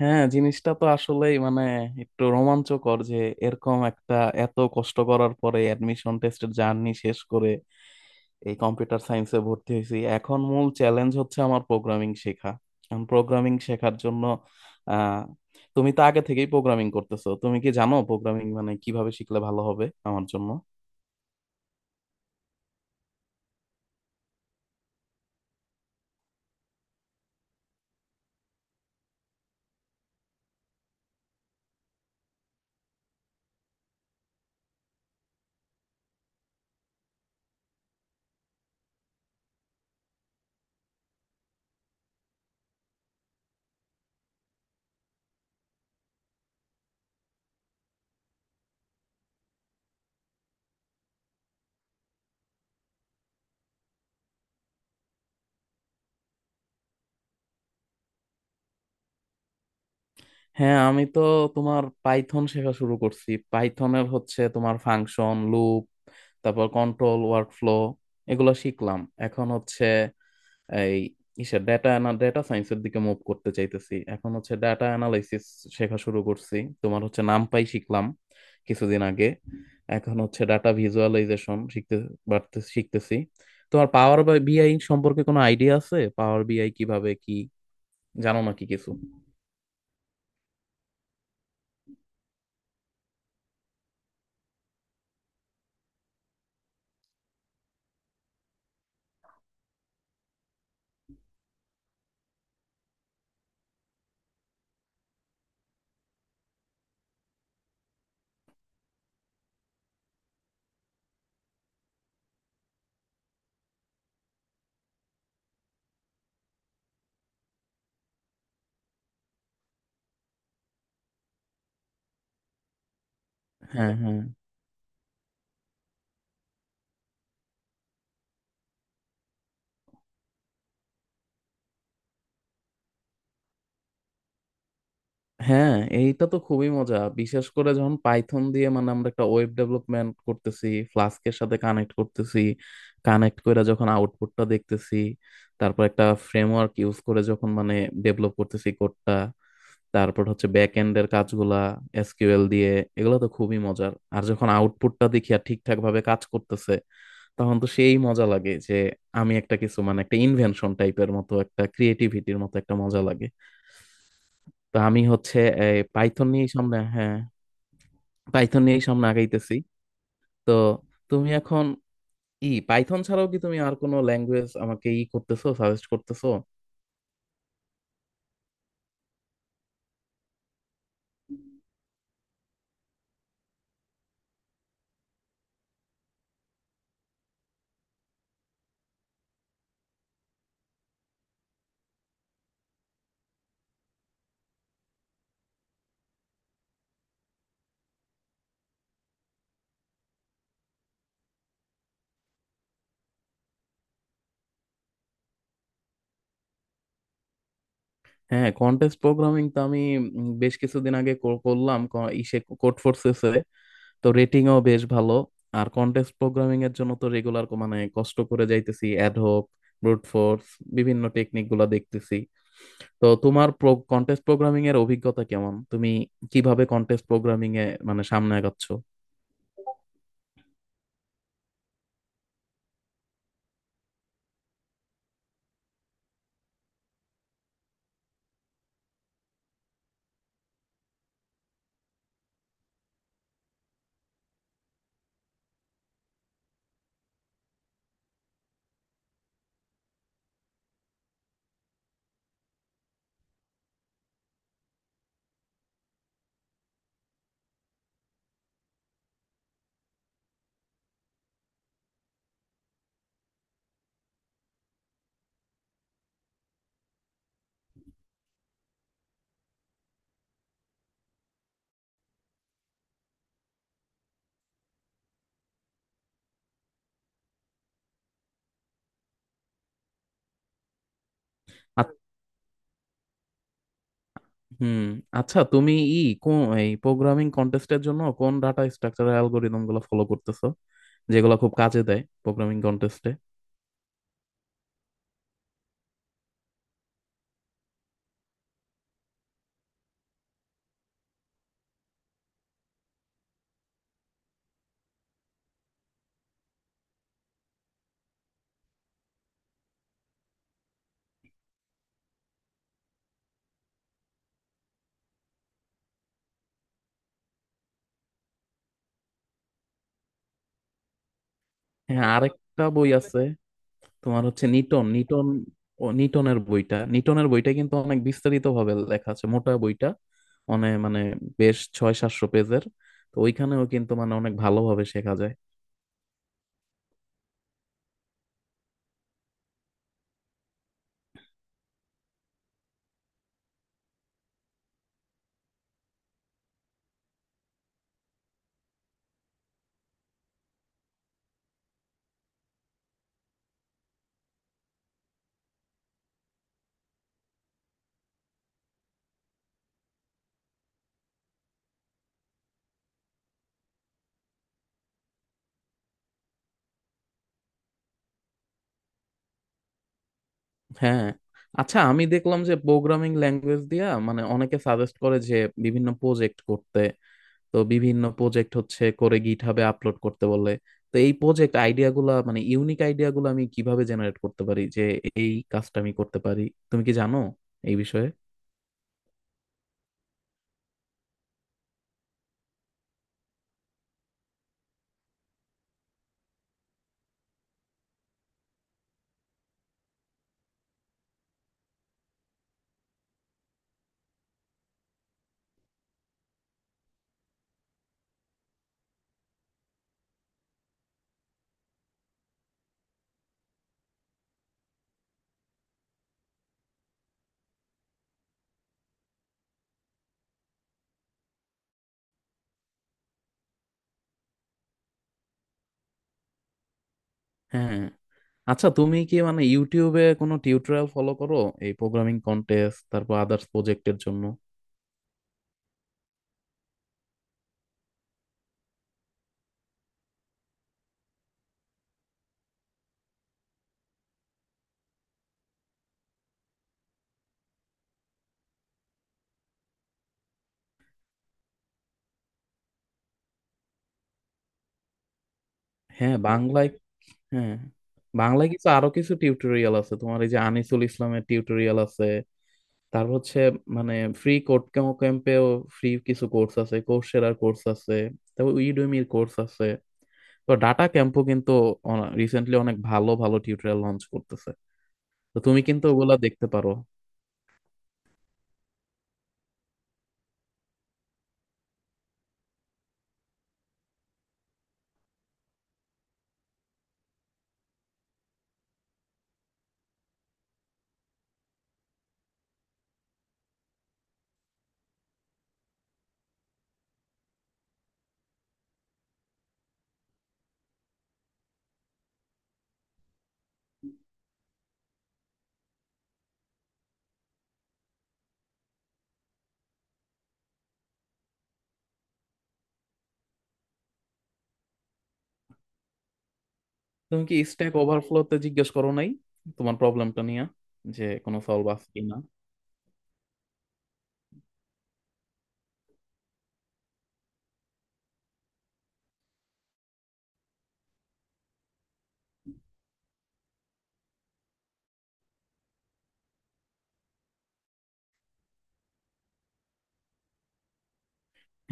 হ্যাঁ, জিনিসটা তো আসলেই মানে একটু রোমাঞ্চকর যে এরকম একটা, এত কষ্ট করার পরে অ্যাডমিশন টেস্টের জার্নি শেষ করে এই কম্পিউটার সায়েন্সে ভর্তি হয়েছি। এখন মূল চ্যালেঞ্জ হচ্ছে আমার প্রোগ্রামিং শেখা। প্রোগ্রামিং শেখার জন্য আহ তুমি তো আগে থেকেই প্রোগ্রামিং করতেছো, তুমি কি জানো প্রোগ্রামিং মানে কিভাবে শিখলে ভালো হবে আমার জন্য? হ্যাঁ, আমি তো তোমার পাইথন শেখা শুরু করছি। পাইথনের হচ্ছে তোমার ফাংশন, লুপ, তারপর কন্ট্রোল ওয়ার্কফ্লো, এগুলো শিখলাম। এখন হচ্ছে এই ইসে ডেটা ডেটা সায়েন্সের দিকে মুভ করতে চাইতেছি। এখন হচ্ছে ডেটা অ্যানালাইসিস শেখা শুরু করছি। তোমার হচ্ছে নামপাই শিখলাম কিছুদিন আগে। এখন হচ্ছে ডাটা ভিজুয়ালাইজেশন শিখতে বাড়তে শিখতেছি। তোমার পাওয়ার বিআই সম্পর্কে কোনো আইডিয়া আছে? পাওয়ার বিআই কিভাবে কি জানো নাকি কিছু? হ্যাঁ, হ্যাঁ, হ্যাঁ। এইটা তো খুবই মজা, বিশেষ করে যখন পাইথন দিয়ে মানে আমরা একটা ওয়েব ডেভেলপমেন্ট করতেছি, ফ্লাস্কের সাথে কানেক্ট করতেছি। কানেক্ট করে যখন আউটপুটটা দেখতেছি, তারপর একটা ফ্রেমওয়ার্ক ইউজ করে যখন মানে ডেভেলপ করতেছি কোডটা, তারপর হচ্ছে ব্যাক এন্ডের কাজগুলা এসকিউএল দিয়ে, এগুলো তো খুবই মজার। আর যখন আউটপুটটা দেখি আর ঠিকঠাক ভাবে কাজ করতেছে তখন তো সেই মজা লাগে যে আমি একটা কিছু মানে একটা ইনভেনশন টাইপের মতো, একটা ক্রিয়েটিভিটির মতো একটা মজা লাগে। তো আমি হচ্ছে পাইথন নিয়েই সামনে, হ্যাঁ, পাইথন নিয়েই সামনে আগাইতেছি। তো তুমি এখন পাইথন ছাড়াও কি তুমি আর কোনো ল্যাঙ্গুয়েজ আমাকে করতেছো সাজেস্ট করতেছো? হ্যাঁ, কন্টেস্ট প্রোগ্রামিং তো আমি বেশ কিছুদিন আগে করলাম ক- ইসে কোড ফোর্সেসে। তো রেটিংও বেশ ভালো। আর কন্টেস্ট প্রোগ্রামিং এর জন্য তো রেগুলার মানে কষ্ট করে যাইতেছি, অ্যাডহক, ব্রুট ফোর্স, বিভিন্ন টেকনিক গুলা দেখতেছি। তো তোমার কন্টেস্ট প্রোগ্রামিং এর অভিজ্ঞতা কেমন? তুমি কিভাবে কন্টেস্ট প্রোগ্রামিং এ মানে সামনে আগাচ্ছ? আ- হুম। আচ্ছা, তুমি কোন এই প্রোগ্রামিং কন্টেস্টের জন্য কোন ডাটা স্ট্রাকচার অ্যালগোরিদম গুলো ফলো করতেছো, যেগুলো খুব কাজে দেয় প্রোগ্রামিং কন্টেস্টে? হ্যাঁ, আরেকটা বই আছে। তোমার হচ্ছে নিটন নিটন। ও, নিটনের বইটা, নিটনের বইটা কিন্তু অনেক বিস্তারিত ভাবে লেখা আছে। মোটা বইটা, অনেক মানে বেশ ছয় সাতশো পেজের। তো ওইখানেও কিন্তু মানে অনেক ভালোভাবে শেখা যায়। হ্যাঁ। আচ্ছা, আমি দেখলাম যে প্রোগ্রামিং ল্যাঙ্গুয়েজ দিয়া মানে অনেকে সাজেস্ট করে যে বিভিন্ন প্রজেক্ট করতে। তো বিভিন্ন প্রজেক্ট হচ্ছে করে গিটহাবে আপলোড করতে বলে। তো এই প্রজেক্ট আইডিয়া গুলা মানে ইউনিক আইডিয়া গুলো আমি কিভাবে জেনারেট করতে পারি যে এই কাজটা আমি করতে পারি? তুমি কি জানো এই বিষয়ে? হ্যাঁ। আচ্ছা, তুমি কি মানে ইউটিউবে কোনো টিউটোরিয়াল ফলো করো এই প্রোগ্রামিং কন্টেস্ট, তারপর আদার্স প্রজেক্টের জন্য? হ্যাঁ, বাংলায়। হ্যাঁ। বাংলায় কিছু, আরো কিছু টিউটোরিয়াল আছে তোমার, এই যে আনিসুল ইসলামের টিউটোরিয়াল আছে, তারপর হচ্ছে মানে ফ্রি কোড ক্যাম্পেও ফ্রি কিছু কোর্স আছে, কোর্সেরার কোর্স আছে, তারপর ইউডেমির কোর্স আছে। তো ডাটা ক্যাম্পও কিন্তু রিসেন্টলি অনেক ভালো ভালো টিউটোরিয়াল লঞ্চ করতেছে। তো তুমি কিন্তু ওগুলা দেখতে পারো। তুমি কি স্ট্যাক ওভারফ্লোতে জিজ্ঞেস করো নাই তোমার প্রবলেমটা নিয়ে যে কোনো সলভ আছে কিনা?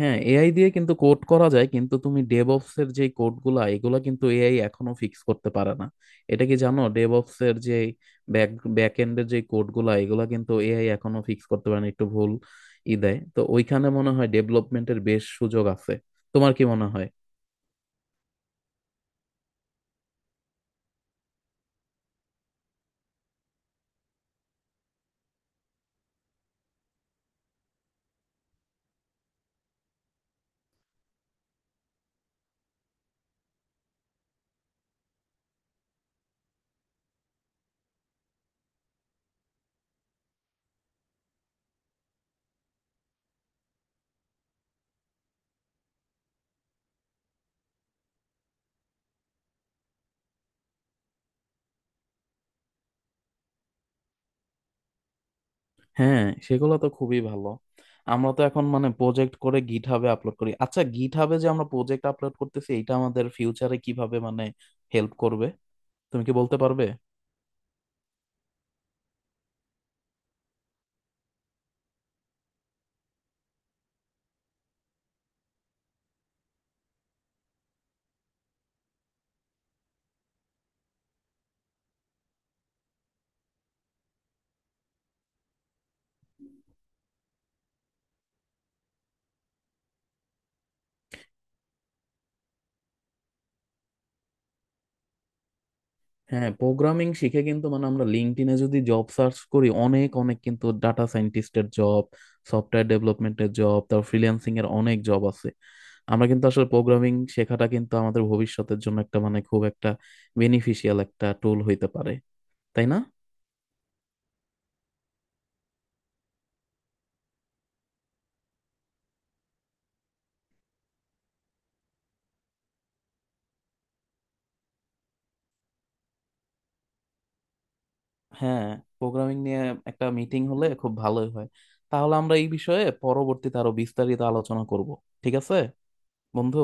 হ্যাঁ, এআই দিয়ে কিন্তু কোড করা যায়, কিন্তু তুমি ডেভঅপস এর যে কোড গুলা এগুলা কিন্তু এআই এখনো ফিক্স করতে পারে না। এটা কি জানো? ডেভঅপস এর যে ব্যাক ব্যাক এন্ডের যে কোড গুলা এগুলা কিন্তু এআই এখনো ফিক্স করতে পারে না, একটু ভুল দেয়। তো ওইখানে মনে হয় ডেভেলপমেন্টের বেশ সুযোগ আছে। তোমার কি মনে হয়? হ্যাঁ, সেগুলো তো খুবই ভালো। আমরা তো এখন মানে প্রজেক্ট করে গিট হাবে আপলোড করি। আচ্ছা, গিট হাবে যে আমরা প্রজেক্ট আপলোড করতেছি এটা আমাদের ফিউচারে কিভাবে মানে হেল্প করবে? তুমি কি বলতে পারবে? হ্যাঁ, প্রোগ্রামিং শিখে কিন্তু মানে আমরা লিঙ্কডইনে যদি জব সার্চ করি অনেক অনেক কিন্তু ডাটা সায়েন্টিস্টের জব, সফটওয়্যার ডেভেলপমেন্টের জব, তারপর ফ্রিল্যান্সিং এর অনেক জব আছে। আমরা কিন্তু আসলে প্রোগ্রামিং শেখাটা কিন্তু আমাদের ভবিষ্যতের জন্য একটা মানে খুব একটা বেনিফিশিয়াল একটা টুল হইতে পারে। তাই না? হ্যাঁ, প্রোগ্রামিং নিয়ে একটা মিটিং হলে খুব ভালোই হয়। তাহলে আমরা এই বিষয়ে পরবর্তীতে আরো বিস্তারিত আলোচনা করব। ঠিক আছে, বন্ধু।